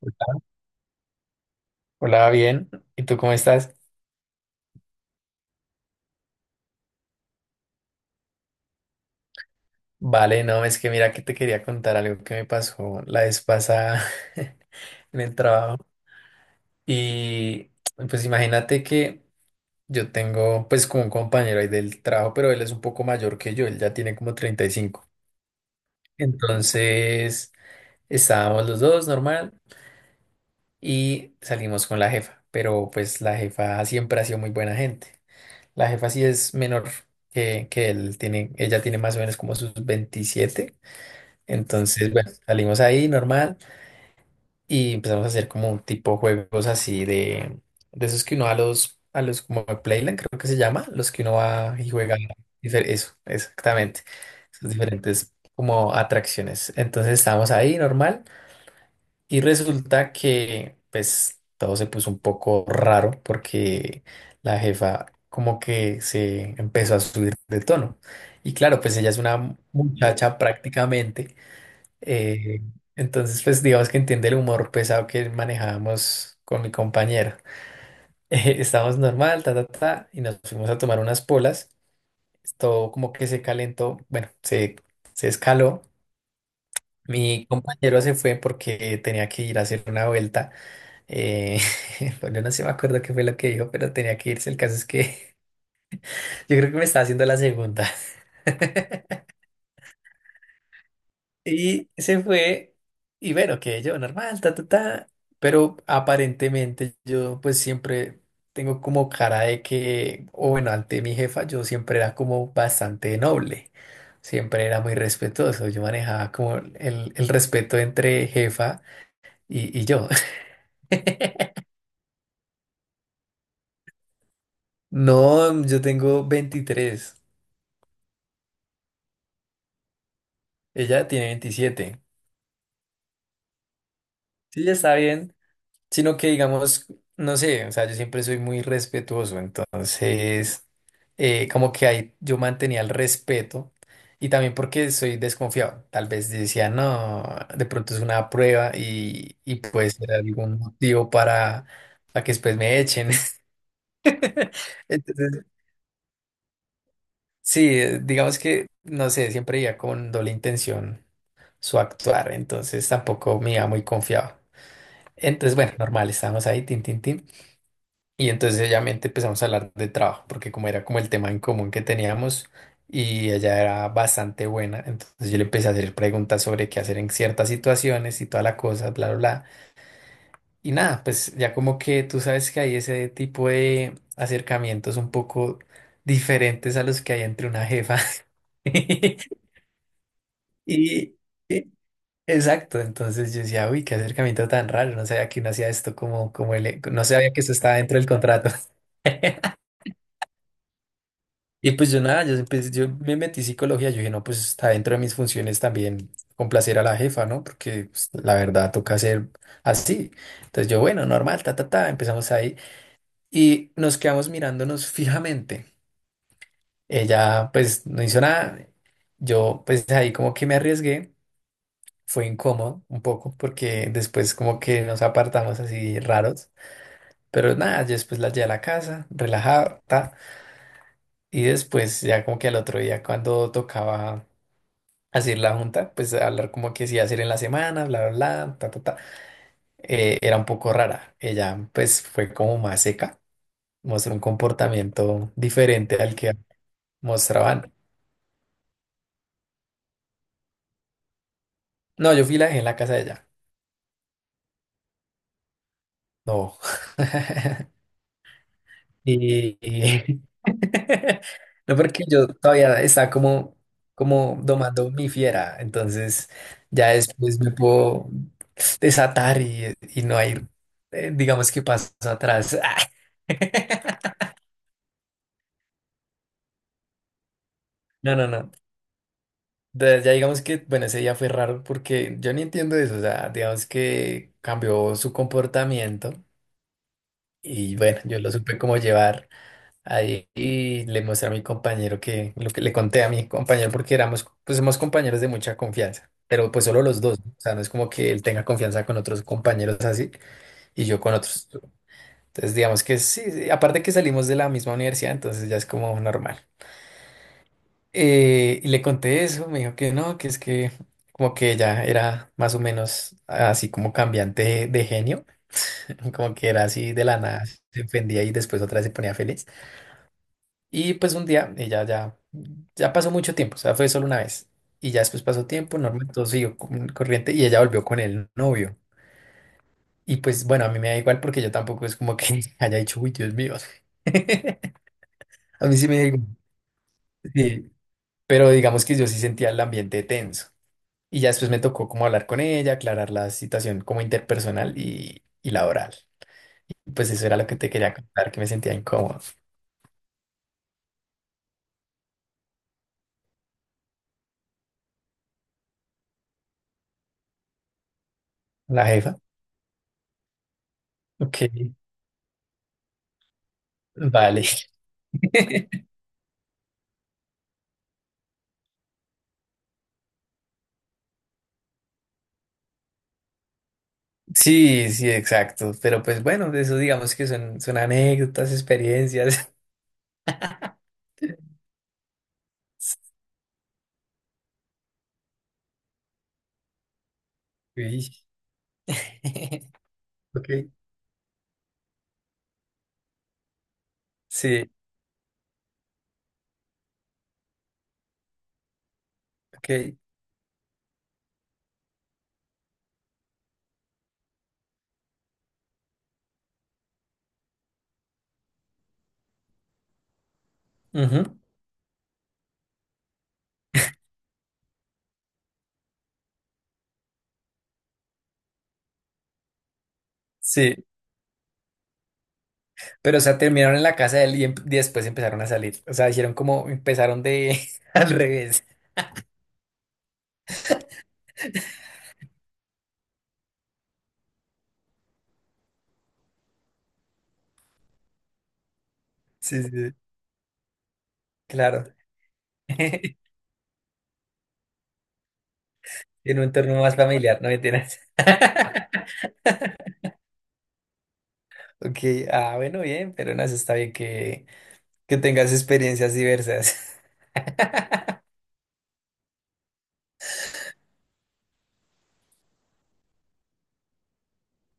Hola, bien. ¿Y tú cómo estás? Vale, no, es que mira que te quería contar algo que me pasó la vez pasada en el trabajo. Y pues imagínate que yo tengo pues como un compañero ahí del trabajo, pero él es un poco mayor que yo, él ya tiene como 35. Entonces estábamos los dos normal y salimos con la jefa, pero pues la jefa siempre ha sido muy buena gente. La jefa sí es menor que él, tiene, ella tiene más o menos como sus 27. Entonces, bueno, salimos ahí normal y empezamos a hacer como un tipo juegos así de esos que uno va a los como a Playland, creo que se llama, los que uno va y juega. Eso, exactamente. Esas diferentes como atracciones. Entonces estábamos ahí normal y resulta que pues todo se puso un poco raro porque la jefa como que se empezó a subir de tono. Y claro, pues ella es una muchacha prácticamente. Eh, entonces, pues digamos que entiende el humor pesado que manejábamos con mi compañero. Estábamos normal, ta, ta, ta, y nos fuimos a tomar unas polas. Todo como que se calentó, bueno, se escaló. Mi compañero se fue porque tenía que ir a hacer una vuelta. Eh, bueno, no sé, me acuerdo qué fue lo que dijo, pero tenía que irse. El caso es que yo creo que me estaba haciendo la segunda. Y se fue y bueno, que yo normal, ta, ta, ta. Pero aparentemente yo pues siempre tengo como cara de que, o bueno, ante mi jefa yo siempre era como bastante noble, siempre era muy respetuoso, yo manejaba como el respeto entre jefa y yo. No, yo tengo 23. Ella tiene 27. Sí, ya está bien. Sino que digamos, no sé, o sea, yo siempre soy muy respetuoso, entonces como que ahí yo mantenía el respeto y también porque soy desconfiado, tal vez decía, no, de pronto es una prueba y puede ser algún motivo para que después me echen. Entonces, sí, digamos que, no sé, siempre iba con doble intención su actuar, entonces tampoco me iba muy confiado. Entonces, bueno, normal, estábamos ahí, tin, tin, tin. Y entonces ella mente empezamos a hablar de trabajo, porque como era como el tema en común que teníamos y ella era bastante buena, entonces yo le empecé a hacer preguntas sobre qué hacer en ciertas situaciones y toda la cosa, bla, bla, bla. Y nada, pues ya como que tú sabes que hay ese tipo de acercamientos un poco diferentes a los que hay entre una jefa. Y, y- exacto, entonces yo decía, uy, qué acercamiento tan raro, no sabía que uno hacía esto como, como el, no sabía que eso estaba dentro del contrato. Y pues yo nada, yo, yo me metí en psicología, yo dije, no, pues está dentro de mis funciones también complacer a la jefa, ¿no? Porque pues, la verdad toca ser así. Entonces yo, bueno, normal, ta, ta, ta, empezamos ahí y nos quedamos mirándonos fijamente. Ella pues no hizo nada, yo pues ahí como que me arriesgué, fue incómodo un poco porque después como que nos apartamos así raros, pero nada, yo después la llevé a la casa, relajada, ta, y después ya como que al otro día cuando tocaba hacer la junta, pues hablar como que sí iba a hacer en la semana, bla, bla, bla, ta, ta, ta, era un poco rara. Ella pues fue como más seca, mostró un comportamiento diferente al que mostraban. No, yo fui y la dejé en la casa de ella. No. Y... No, porque yo todavía estaba como, como domando mi fiera, entonces ya después me puedo desatar y no hay, digamos que paso atrás. No, no, no. Ya digamos que, bueno, ese día fue raro porque yo ni entiendo eso. O sea, digamos que cambió su comportamiento y bueno, yo lo supe cómo llevar ahí y le mostré a mi compañero que lo que le conté a mi compañero porque éramos, pues somos compañeros de mucha confianza, pero pues solo los dos. ¿No? O sea, no es como que él tenga confianza con otros compañeros así y yo con otros. Entonces, digamos que sí, sí, aparte que salimos de la misma universidad, entonces ya es como normal. Y le conté eso, me dijo que no, que es que como que ella era más o menos así como cambiante de genio, como que era así de la nada, se ofendía y después otra vez se ponía feliz. Y pues un día ella ya, ya pasó mucho tiempo, o sea, fue solo una vez. Y ya después pasó tiempo, normal, todo siguió corriente y ella volvió con el novio. Y pues bueno, a mí me da igual porque yo tampoco es como que haya dicho, uy, Dios mío. A mí sí me da igual, sí, pero digamos que yo sí sentía el ambiente tenso. Y ya después me tocó como hablar con ella, aclarar la situación como interpersonal y laboral. Y pues eso era lo que te quería contar, que me sentía incómodo. La jefa. Ok, vale. Sí, sí, exacto. Pero pues bueno, de eso digamos que son, son anécdotas, experiencias. Sí. Ok, sí, ok. Ujú, sí, pero o sea, terminaron en la casa de él y, y después empezaron a salir. O sea, hicieron como, empezaron de al revés. Sí, sí, sí. Claro. Tiene un torno más familiar, no me mentiras. Ok, ah, bueno, bien, pero no, eso está bien que tengas experiencias diversas.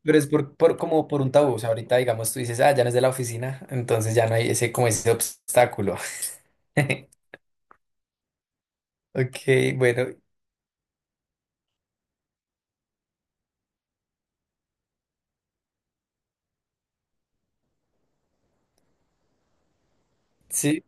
Pero es por, como por un tabú, o sea, ahorita digamos tú dices, ah, ya no es de la oficina, entonces ya no hay ese, como ese obstáculo. Ok, bueno, sí,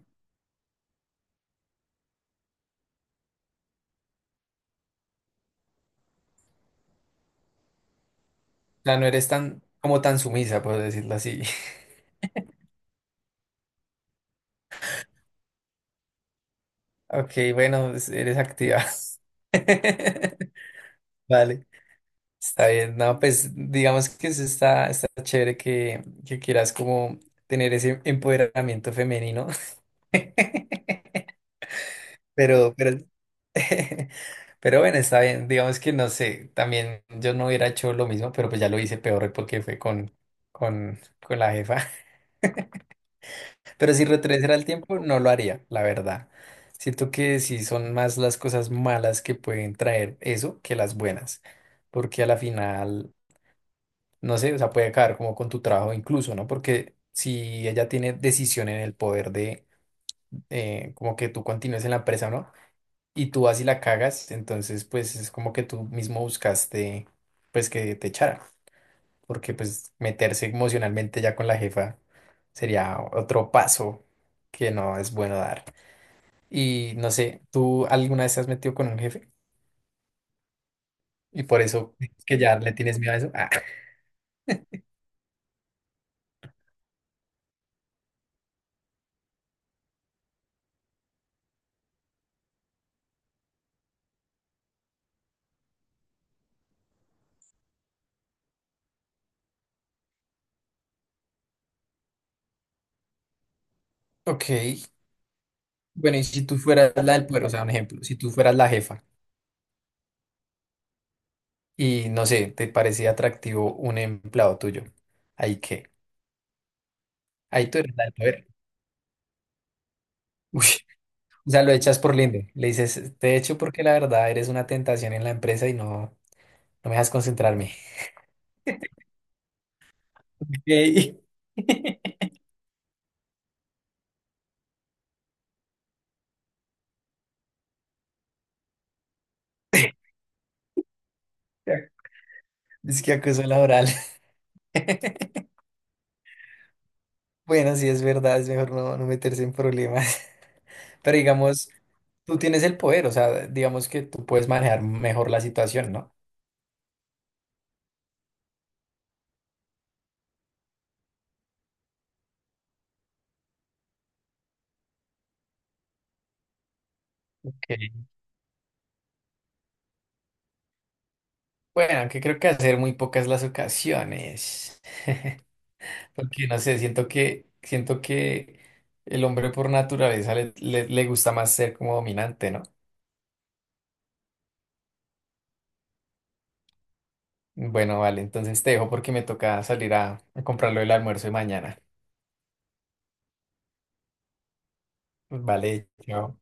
ya no eres tan, como tan sumisa, por decirlo así. Ok, bueno, pues, eres activa. Vale. Está bien, no, pues digamos que eso está, está chévere que quieras como tener ese empoderamiento femenino, pero, pero bueno, está bien, digamos que no sé, también yo no hubiera hecho lo mismo, pero pues ya lo hice peor porque fue con, con la jefa, pero si retrocediera el tiempo no lo haría, la verdad. Siento que sí son más las cosas malas que pueden traer eso que las buenas, porque a la final... no sé, o sea, puede caer como con tu trabajo incluso, ¿no? Porque si ella tiene decisión en el poder de como que tú continúes en la empresa, ¿no? Y tú vas y la cagas, entonces pues es como que tú mismo buscaste pues que te echara, porque pues meterse emocionalmente ya con la jefa sería otro paso que no es bueno dar. Y no sé, ¿tú alguna vez te has metido con un jefe? Y por eso que ya le tienes miedo a eso. Ah. Ok. Bueno, y si tú fueras la del poder, o sea, un ejemplo, si tú fueras la jefa, y no sé, te parecía atractivo un empleado tuyo. Ahí qué, ahí tú eres la del poder. Uy, o sea, lo echas por lindo. Le dices, te echo porque la verdad eres una tentación en la empresa y no, no me dejas concentrarme. Ok. Es que acoso laboral. Bueno, sí es verdad, es mejor no, no meterse en problemas. Pero digamos, tú tienes el poder, o sea, digamos que tú puedes manejar mejor la situación, ¿no? Ok. Bueno, aunque creo que hacer muy pocas las ocasiones. Porque no sé, siento que el hombre por naturaleza le, le gusta más ser como dominante, ¿no? Bueno, vale, entonces te dejo porque me toca salir a comprar lo del almuerzo de mañana. Vale, chao.